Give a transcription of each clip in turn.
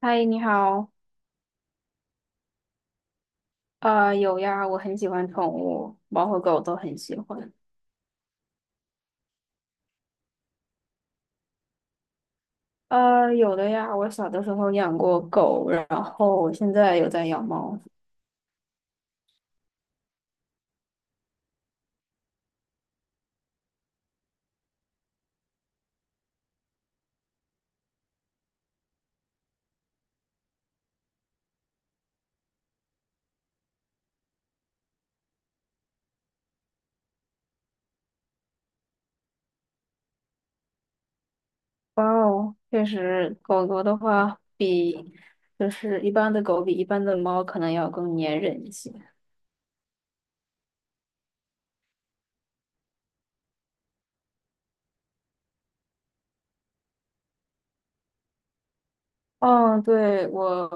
嗨，你好。啊，有呀，我很喜欢宠物，猫和狗都很喜欢。有的呀，我小的时候养过狗，然后我现在有在养猫。哇哦，确实，狗狗的话比就是一般的狗比一般的猫可能要更粘人一些。嗯，对，我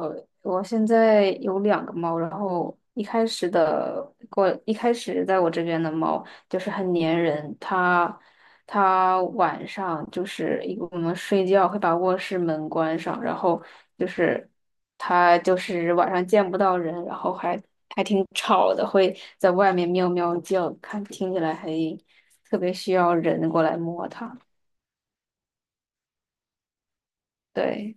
我现在有2个猫，然后一开始在我这边的猫就是很粘人，它晚上就是我们睡觉会把卧室门关上，然后就是它就是晚上见不到人，然后还挺吵的，会在外面喵喵叫，听起来还特别需要人过来摸它，对。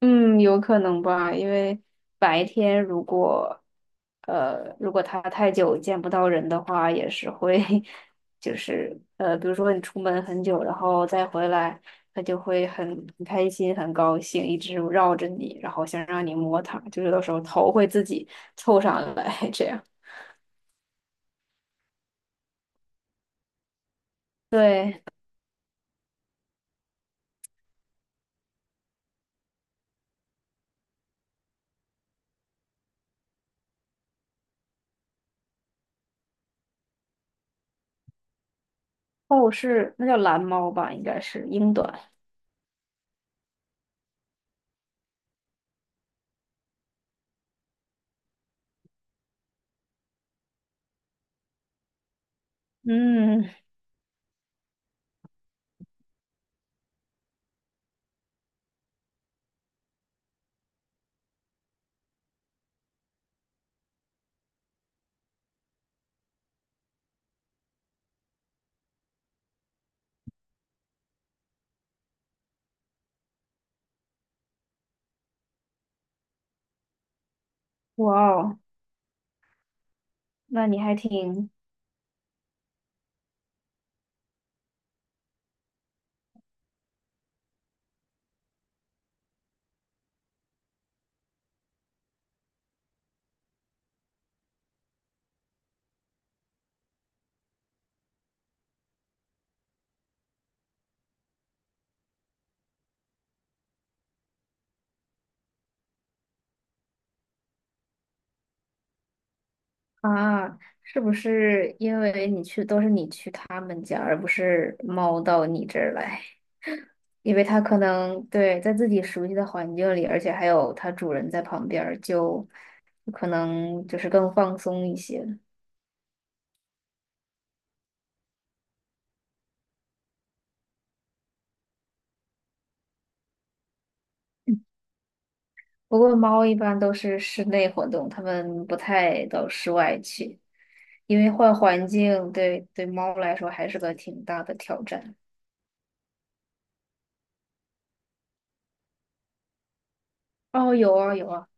嗯，有可能吧，因为白天，如果它太久见不到人的话，也是会，就是比如说你出门很久，然后再回来，它就会很开心、很高兴，一直绕着你，然后想让你摸它，就是有时候头会自己凑上来 这样。对，哦，是，那叫蓝猫吧，应该是英短。嗯，哇哦，那你还挺啊，是不是因为你去都是你去他们家，而不是猫到你这儿来？因为它可能对在自己熟悉的环境里，而且还有它主人在旁边儿，就可能就是更放松一些。不过猫一般都是室内活动，它们不太到室外去，因为换环境对猫来说还是个挺大的挑战。哦，有啊有啊。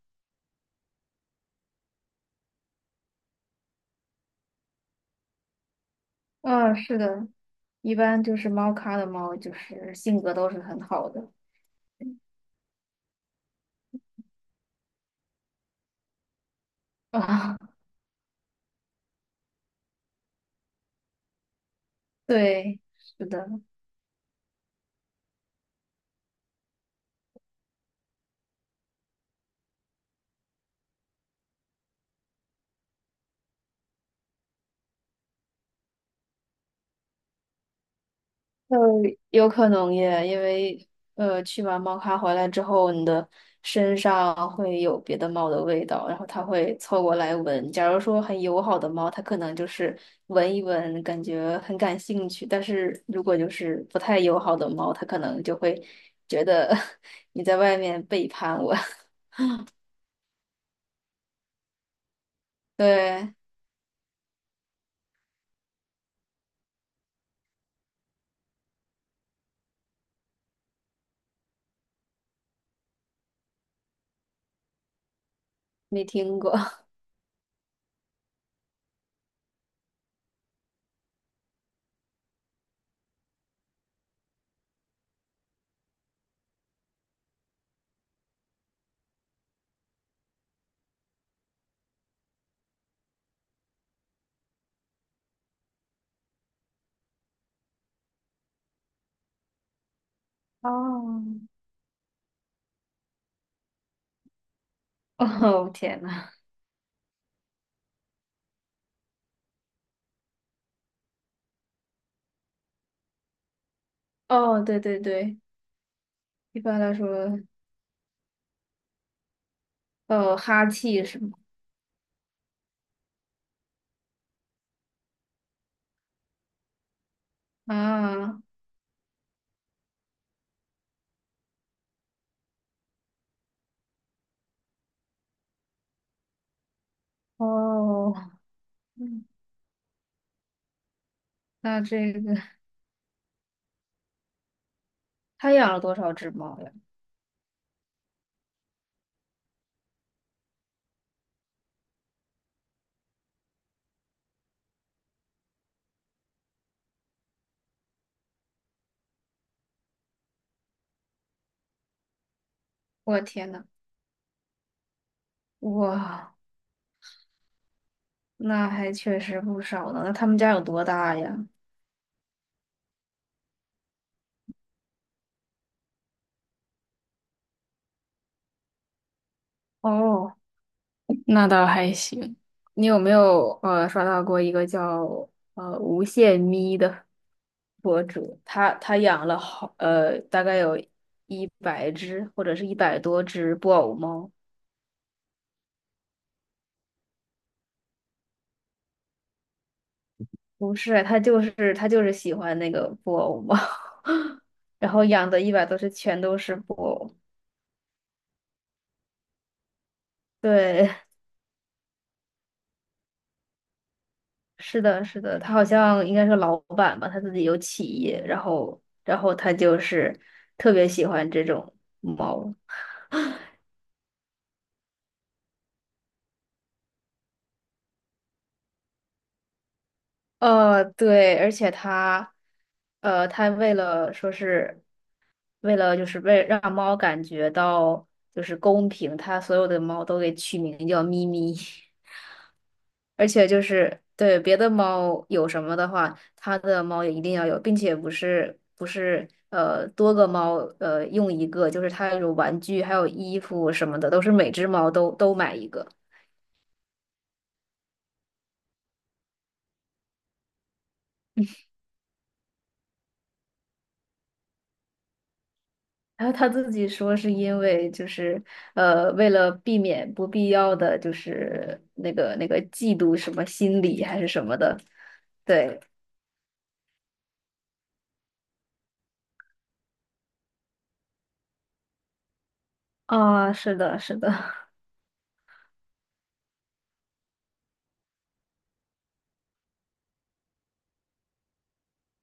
嗯，是的，一般就是猫咖的猫，就是性格都是很好的啊。对，是的，呃，有可能耶，因为去完猫咖回来之后，你的身上会有别的猫的味道，然后它会凑过来闻。假如说很友好的猫，它可能就是闻一闻，感觉很感兴趣；但是如果就是不太友好的猫，它可能就会觉得 你在外面背叛我。对，没听过。哦，哦，天呐，哦，对对对，一般来说，哦哈气是吗？啊，哦，嗯，那这个他养了多少只猫呀？我天呐，哇，那还确实不少呢。那他们家有多大呀？哦。那倒还行。你有没有刷到过一个叫无限咪的博主？他养了大概有100只或者是一百多只布偶猫。不是，他就是喜欢那个布偶猫，然后养的100多只全都是布偶。对，是的，是的，他好像应该是老板吧，他自己有企业，然后他就是特别喜欢这种猫。对，而且它为了说是为了就是为让猫感觉到就是公平，它所有的猫都给取名叫咪咪。而且就是对别的猫有什么的话，它的猫也一定要有，并且不是多个猫用一个，就是它有玩具还有衣服什么的，都是每只猫都买一个。然后他自己说是因为就是为了避免不必要的就是那个嫉妒什么心理还是什么的，对。啊，是的，是的，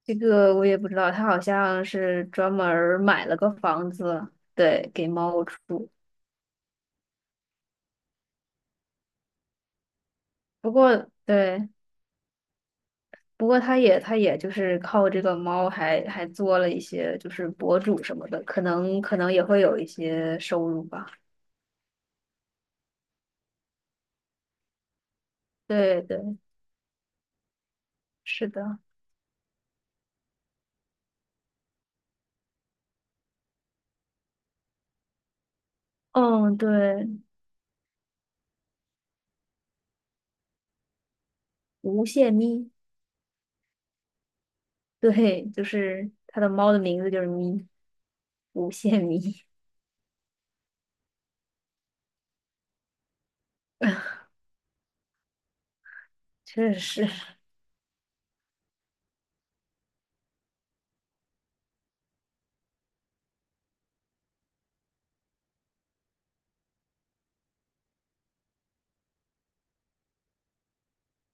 这个我也不知道，他好像是专门儿买了个房子，对，给猫住。不过对，不过他也就是靠这个猫还做了一些就是博主什么的，可能也会有一些收入吧。对对，是的。嗯，对，无限咪，对，就是它的猫的名字就是咪，无限咪，确实。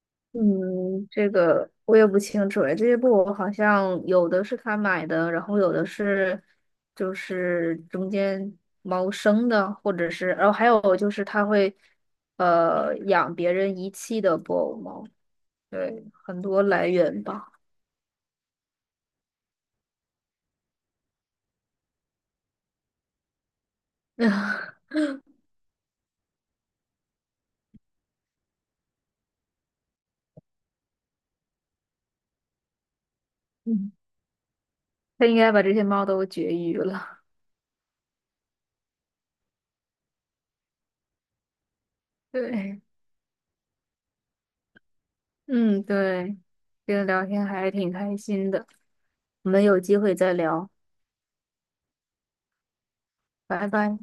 嗯，这个我也不清楚哎，这些布偶好像有的是他买的，然后有的是就是中间猫生的，或者是，然后还有就是他会养别人遗弃的布偶猫，对，很多来源吧。嗯，他应该把这些猫都绝育了。对。嗯，对，这个聊天还挺开心的，我们有机会再聊，拜拜。